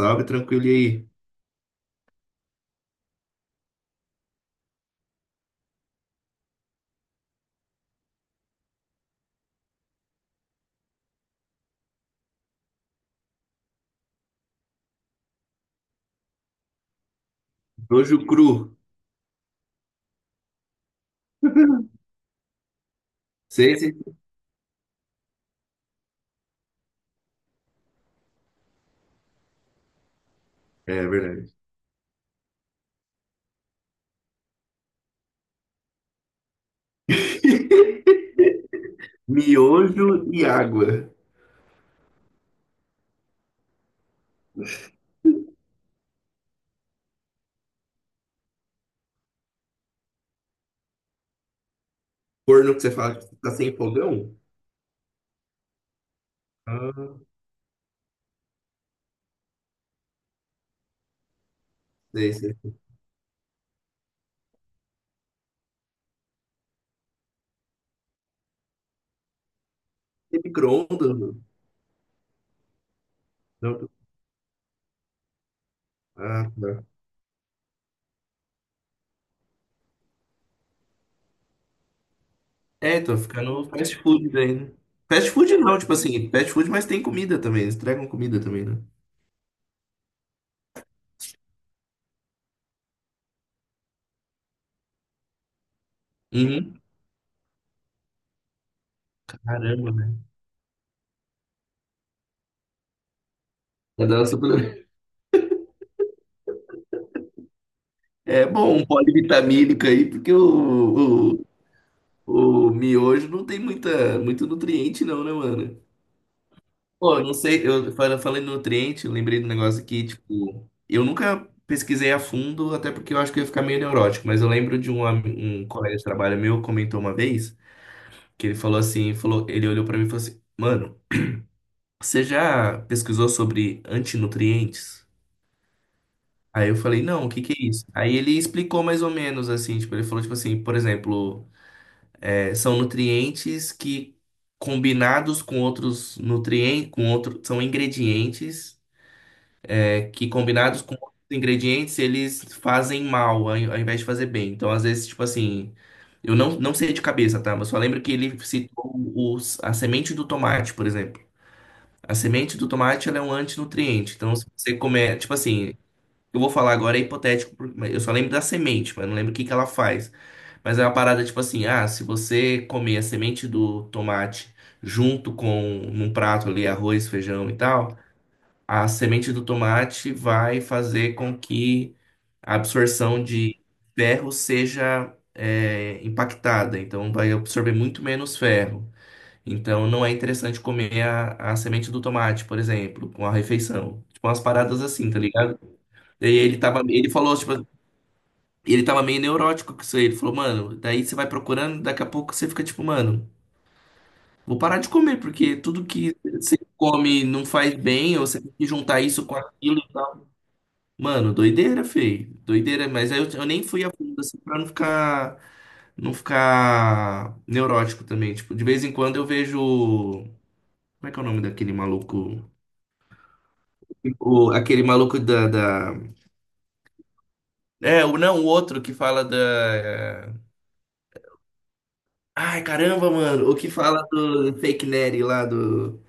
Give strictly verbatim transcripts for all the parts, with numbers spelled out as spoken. Salve, tranquilo. E aí? Miojo cru. Sei, sei. É verdade. Miojo e água. Forno que você fala que tá sem fogão? Ah, sei, sei. Tem micro-ondas, mano? Não. Ah, tá. É, tô ficando fast food daí, né? Fast food não, tipo assim, fast food, mas tem comida também. Eles entregam comida também, né? Uhum. Caramba, né? Cada um suplemento. É bom um polivitamínico aí, porque o, o miojo não tem muita, muito nutriente, não, né, mano? Pô, eu não sei, eu fal- falei em nutriente, eu lembrei do negócio aqui, tipo, eu nunca pesquisei a fundo, até porque eu acho que eu ia ficar meio neurótico, mas eu lembro de um, ami- um colega de trabalho meu comentou uma vez que ele falou assim, falou, ele olhou pra mim e falou assim, mano, você já pesquisou sobre antinutrientes? Aí eu falei, não, o que que é isso? Aí ele explicou mais ou menos assim, tipo, ele falou tipo assim, por exemplo, é, são nutrientes que combinados com outros nutrientes, com outro, são ingredientes, é, que combinados com outros ingredientes, eles fazem mal, ao ao invés de fazer bem. Então, às vezes, tipo assim, eu não, não sei de cabeça, tá? Mas só lembro que ele citou os, a semente do tomate, por exemplo. A semente do tomate, ela é um antinutriente. Então, se você comer, tipo assim, eu vou falar agora é hipotético, porque mas eu só lembro da semente, mas não lembro o que que ela faz. Mas é uma parada tipo assim, ah, se você comer a semente do tomate junto com num prato ali arroz, feijão e tal, a semente do tomate vai fazer com que a absorção de ferro seja, é, impactada, então vai absorver muito menos ferro. Então não é interessante comer a, a semente do tomate, por exemplo, com a refeição. Tipo umas paradas assim, tá ligado? E ele tava, ele falou, tipo, ele tava meio neurótico com isso aí. Ele falou, mano, daí você vai procurando, daqui a pouco você fica tipo, mano, vou parar de comer, porque tudo que você come não faz bem, ou você tem que juntar isso com aquilo e tal. Mano, doideira, feio. Doideira, mas aí eu, eu nem fui a fundo, assim, pra não ficar, não ficar neurótico também. Tipo, de vez em quando eu vejo. Como é que é o nome daquele maluco? O, aquele maluco da, da- é, o, não, o outro que fala da. Ai, caramba, mano. O que fala do Fake Nery lá do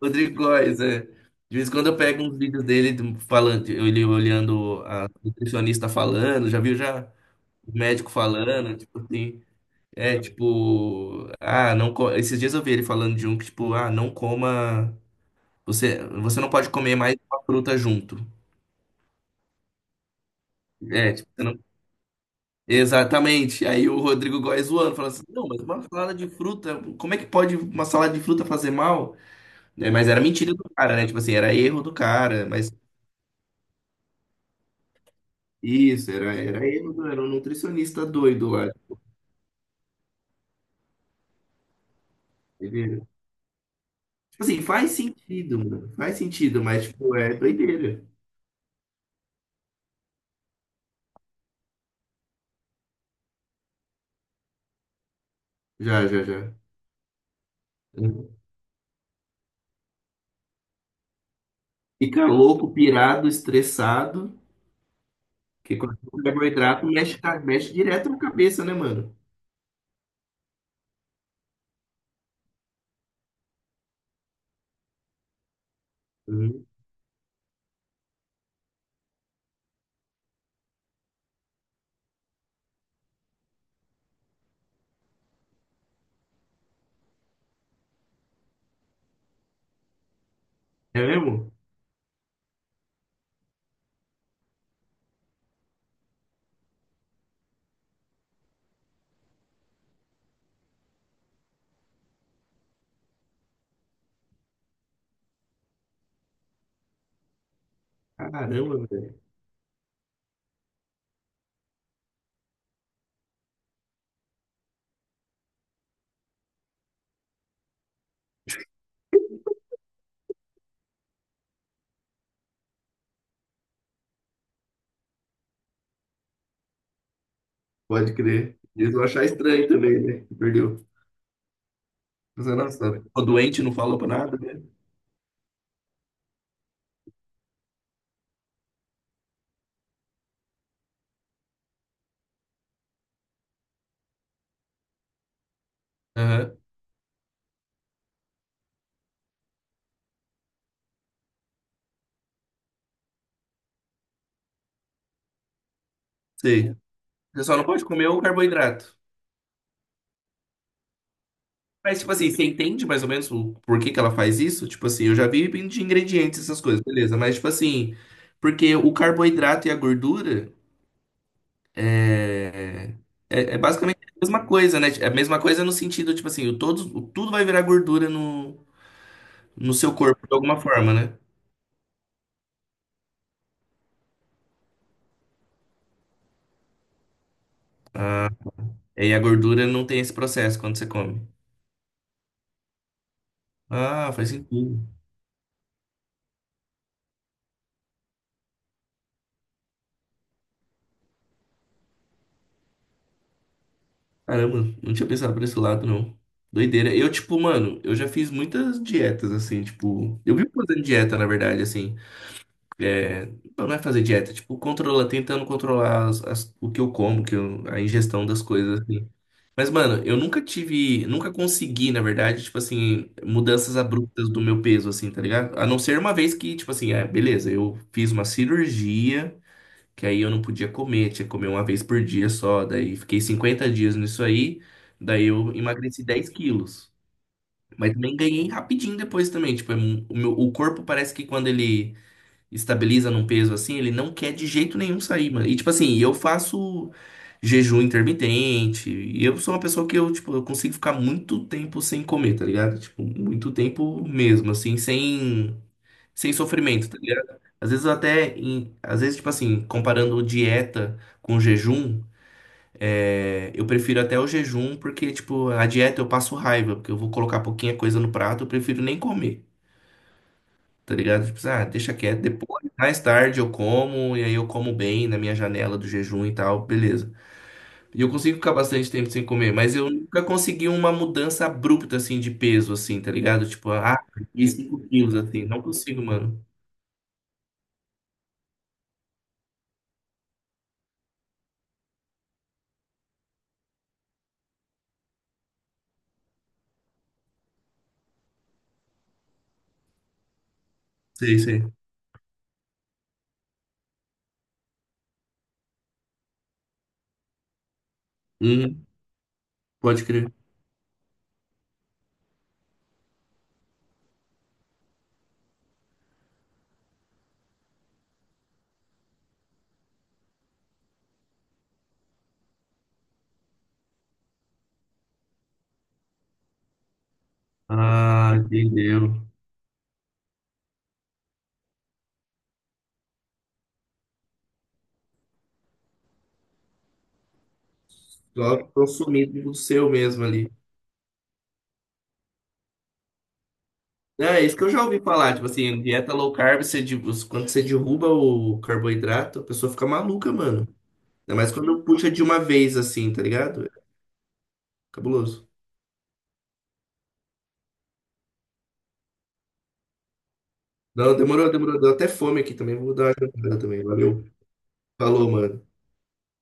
Rodrigo Góes, é. De vez em quando eu pego uns vídeos dele do falando, ele olhando a nutricionista falando, já viu já o médico falando, tipo assim, é tipo, ah, não, co- esses dias eu vi ele falando de um que tipo, ah, não coma, você, você não pode comer mais uma fruta junto. É, tipo, você não... Exatamente. Aí o Rodrigo Góes zoando, falando assim, não, mas uma salada de fruta, como é que pode uma salada de fruta fazer mal? Né? Mas era mentira do cara, né? Tipo assim, era erro do cara, mas isso, era, era erro, do era um nutricionista doido lá. Entendeu? Tipo assim, faz sentido, mano. Faz sentido, mas tipo, é doideira. Já, já, já. Uhum. Fica louco, pirado, estressado, porque quando tem carboidrato mexe, ca- mexe direto na cabeça, né, mano? Uhum. É mesmo? Caramba, velho. Pode crer. Eles vão achar estranho também, né? Que perdeu. Nossa, o doente não falou pra nada, né? Aham. Sei. Você só não pode comer o carboidrato. Mas, tipo assim, você entende mais ou menos o porquê que ela faz isso? Tipo assim, eu já vi de ingredientes essas coisas, beleza. Mas, tipo assim, porque o carboidrato e a gordura é, é, é basicamente a mesma coisa, né? É a mesma coisa no sentido, tipo assim, o todos, o tudo vai virar gordura no, no seu corpo de alguma forma, né? E a gordura não tem esse processo quando você come. Ah, faz sentido. Caramba, não tinha pensado por esse lado, não. Doideira. Eu, tipo, mano, eu já fiz muitas dietas, assim, tipo. Eu vivo fazendo dieta, na verdade, assim. Não é fazer dieta, tipo, controlar, tentando controlar as- as- o que eu como, que eu- a ingestão das coisas, assim. Mas, mano, eu nunca tive, nunca consegui, na verdade, tipo assim, mudanças abruptas do meu peso, assim, tá ligado? A não ser uma vez que, tipo assim, é, beleza, eu fiz uma cirurgia, que aí eu não podia comer, tinha que comer uma vez por dia só, daí fiquei cinquenta dias nisso aí, daí eu emagreci dez quilos. Mas também ganhei rapidinho depois também, tipo, é mu- o meu- o corpo parece que quando ele estabiliza num peso assim, ele não quer de jeito nenhum sair, mano. E tipo assim, eu faço jejum intermitente, e eu sou uma pessoa que eu, tipo, eu consigo ficar muito tempo sem comer, tá ligado? Tipo, muito tempo mesmo, assim, sem, sem sofrimento, tá ligado? Às vezes eu até, em- às vezes, tipo assim, comparando dieta com jejum, é, eu prefiro até o jejum, porque, tipo, a dieta eu passo raiva, porque eu vou colocar pouquinha coisa no prato, eu prefiro nem comer. Tá ligado? Tipo, assim, ah, deixa quieto, depois, mais tarde eu como, e aí eu como bem na minha janela do jejum e tal, beleza. E eu consigo ficar bastante tempo sem comer, mas eu nunca consegui uma mudança abrupta, assim, de peso, assim, tá ligado? Tipo, ah, perdi cinco quilos, assim, não consigo, mano. Sei, sei. Hum, pode crer. Ah, entendeu. Só consumido do seu mesmo ali. É, isso que eu já ouvi falar, tipo assim, dieta low carb, você, de- quando você derruba o carboidrato, a pessoa fica maluca, mano. Ainda mais quando puxa de uma vez assim, tá ligado? É cabuloso. Não, demorou, demorou. Deu até fome aqui também. Vou dar uma jantada também. Valeu. Falou, mano.